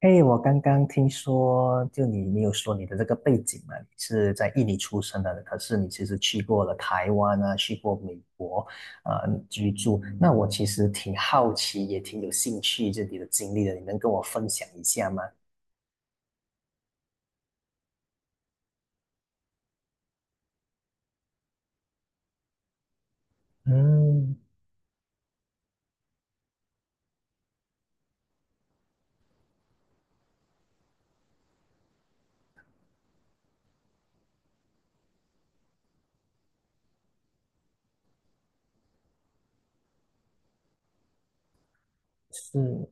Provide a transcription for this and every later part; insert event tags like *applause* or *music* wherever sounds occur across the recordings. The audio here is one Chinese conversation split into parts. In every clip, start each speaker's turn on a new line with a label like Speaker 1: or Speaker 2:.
Speaker 1: 哎，我刚刚听说，就你有说你的这个背景嘛，你是在印尼出生的，可是你其实去过了台湾啊，去过美国，居住。那我其实挺好奇，也挺有兴趣这里的经历的，你能跟我分享一下吗？嗯，是，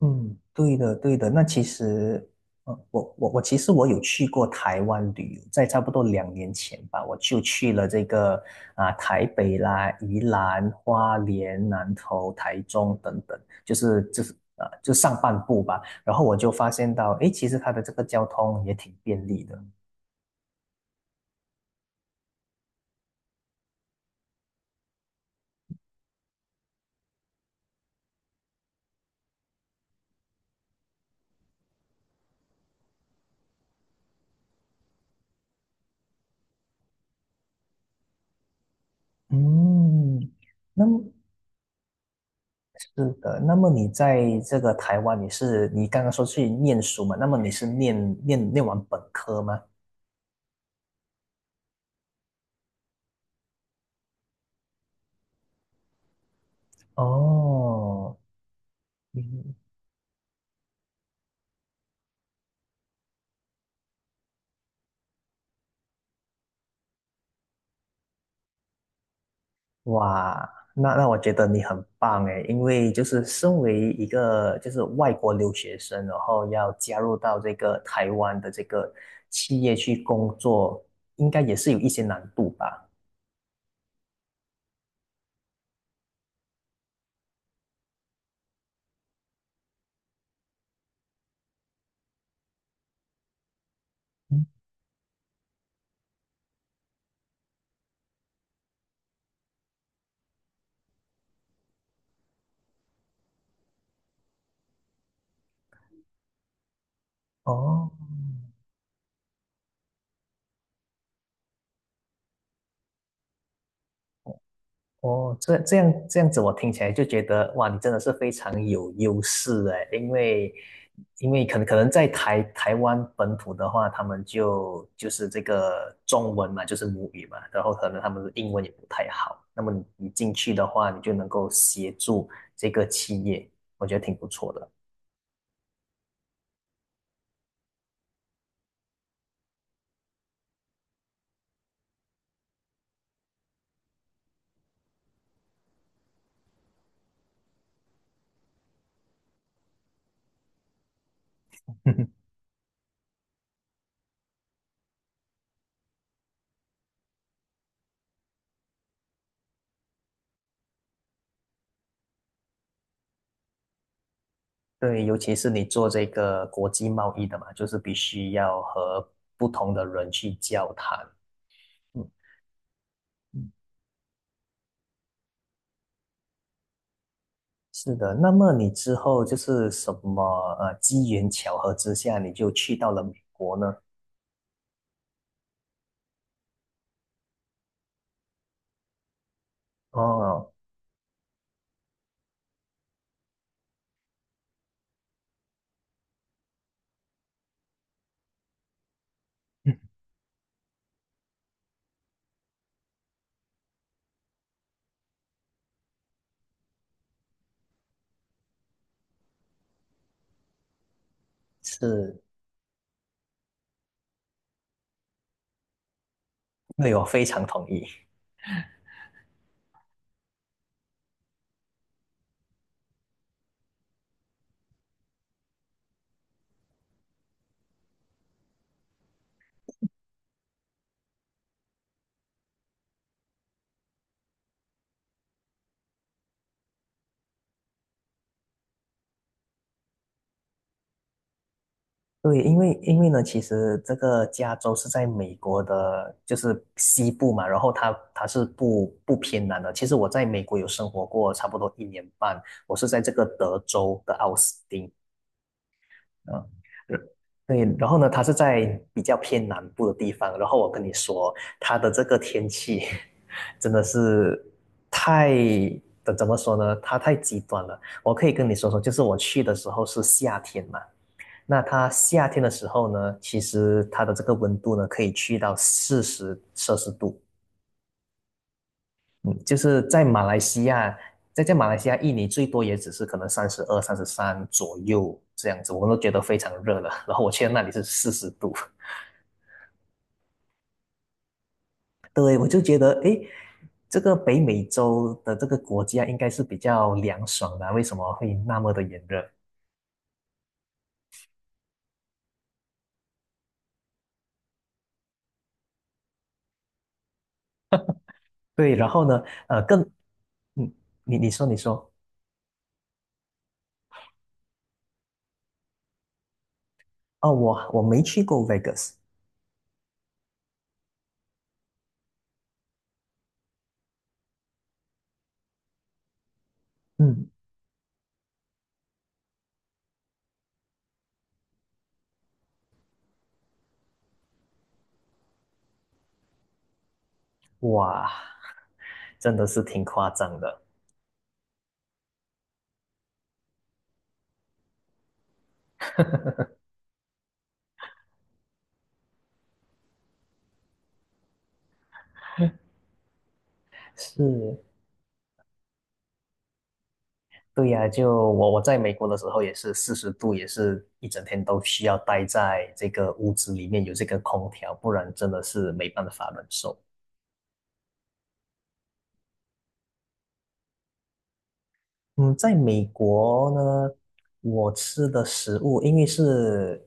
Speaker 1: 嗯，对的，对的。那其实，我有去过台湾旅游，在差不多两年前吧，我就去了这个啊、台北啦、宜兰、花莲、南投、台中等等，就是啊、就上半部吧。然后我就发现到，诶，其实它的这个交通也挺便利的。嗯，那么是的。那么你在这个台湾，你是你刚刚说去念书嘛？那么你是念完本科吗？哦，嗯。哇，那那我觉得你很棒诶，因为就是身为一个就是外国留学生，然后要加入到这个台湾的这个企业去工作，应该也是有一些难度吧？嗯。哦，这样子，我听起来就觉得哇，你真的是非常有优势哎，因为因为可能在台湾本土的话，他们就是这个中文嘛，就是母语嘛，然后可能他们的英文也不太好，那么你进去的话，你就能够协助这个企业，我觉得挺不错的。*laughs* 对，尤其是你做这个国际贸易的嘛，就是必须要和不同的人去交谈。嗯。是的，那么你之后就是什么机缘巧合之下，你就去到了美国呢？哦，嗯。 *laughs* 是，对，我非常同意。对，因为因为呢，其实这个加州是在美国的，就是西部嘛，然后它是不偏南的。其实我在美国有生活过差不多一年半，我是在这个德州的奥斯汀，啊，对，然后呢，它是在比较偏南部的地方。然后我跟你说，它的这个天气真的是太，怎么说呢？它太极端了。我可以跟你说说，就是我去的时候是夏天嘛，那它夏天的时候呢，其实它的这个温度呢，可以去到40摄氏度。嗯，就是在马来西亚，在马来西亚，印尼最多也只是可能32、33左右这样子，我们都觉得非常热了。然后我去到那里是四十度，*laughs* 对，我就觉得，诶，这个北美洲的这个国家应该是比较凉爽的啊，为什么会那么的炎热？对，然后呢，呃，更，嗯，你说你说，哦，我没去过 Vegas，嗯，哇，真的是挺夸张的。是，对呀，就我在美国的时候也是四十度，也是一整天都需要待在这个屋子里面有这个空调，不然真的是没办法忍受。嗯，在美国呢，我吃的食物因为是，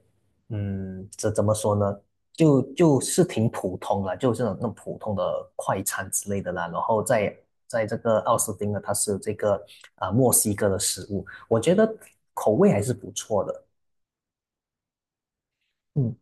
Speaker 1: 嗯，这怎么说呢？就就是挺普通啦，就是那种普通的快餐之类的啦。然后在在这个奥斯汀呢，它是这个啊、墨西哥的食物，我觉得口味还是不错的。嗯。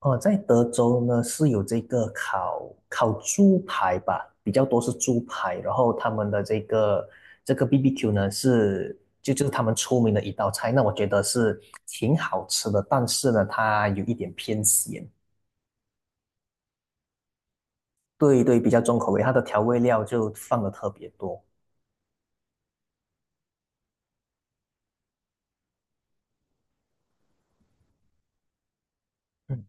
Speaker 1: 哦，在德州呢是有这个烤猪排吧，比较多是猪排，然后他们的这个这个 BBQ 呢是就是他们出名的一道菜，那我觉得是挺好吃的，但是呢它有一点偏咸，对对，比较重口味，它的调味料就放的特别多。嗯。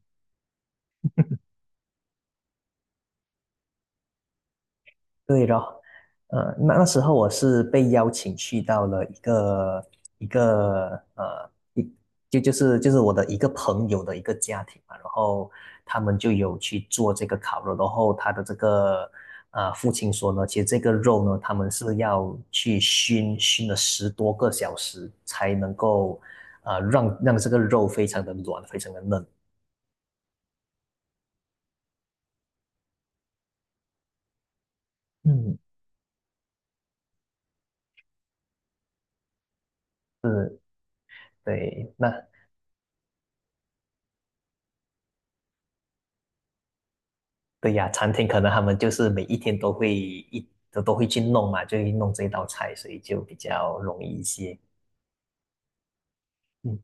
Speaker 1: 对咯，那那时候我是被邀请去到了一个一个呃一就是我的一个朋友的一个家庭嘛，然后他们就有去做这个烤肉，然后他的这个父亲说呢，其实这个肉呢，他们是要去熏了10多个小时才能够让这个肉非常的软，非常的嫩。嗯，是对，那对呀，餐厅可能他们就是每一天都会一都会去弄嘛，就会弄这道菜，所以就比较容易一些。嗯。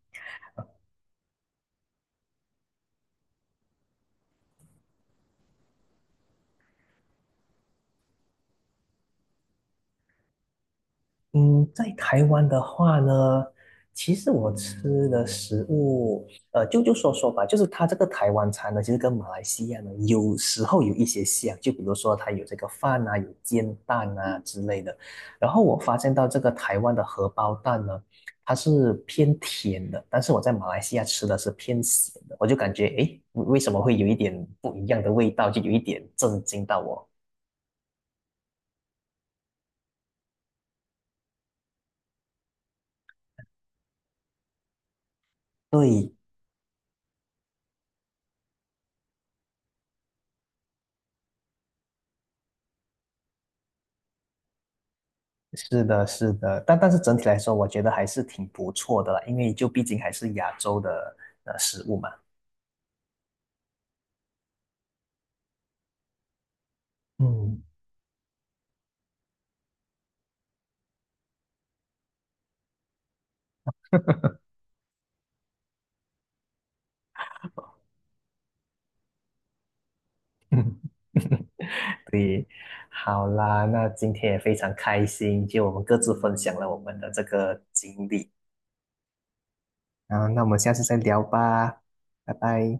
Speaker 1: 嗯，在台湾的话呢，其实我吃的食物，就就说说吧，就是它这个台湾餐呢，其实跟马来西亚呢有时候有一些像，就比如说它有这个饭啊，有煎蛋啊之类的。然后我发现到这个台湾的荷包蛋呢，它是偏甜的，但是我在马来西亚吃的是偏咸的，我就感觉诶，为什么会有一点不一样的味道，就有一点震惊到我。对，是的，是的，但是整体来说，我觉得还是挺不错的啦，因为就毕竟还是亚洲的食物嘛。嗯。 *laughs* 对，好啦，那今天也非常开心，就我们各自分享了我们的这个经历啊，那我们下次再聊吧，拜拜。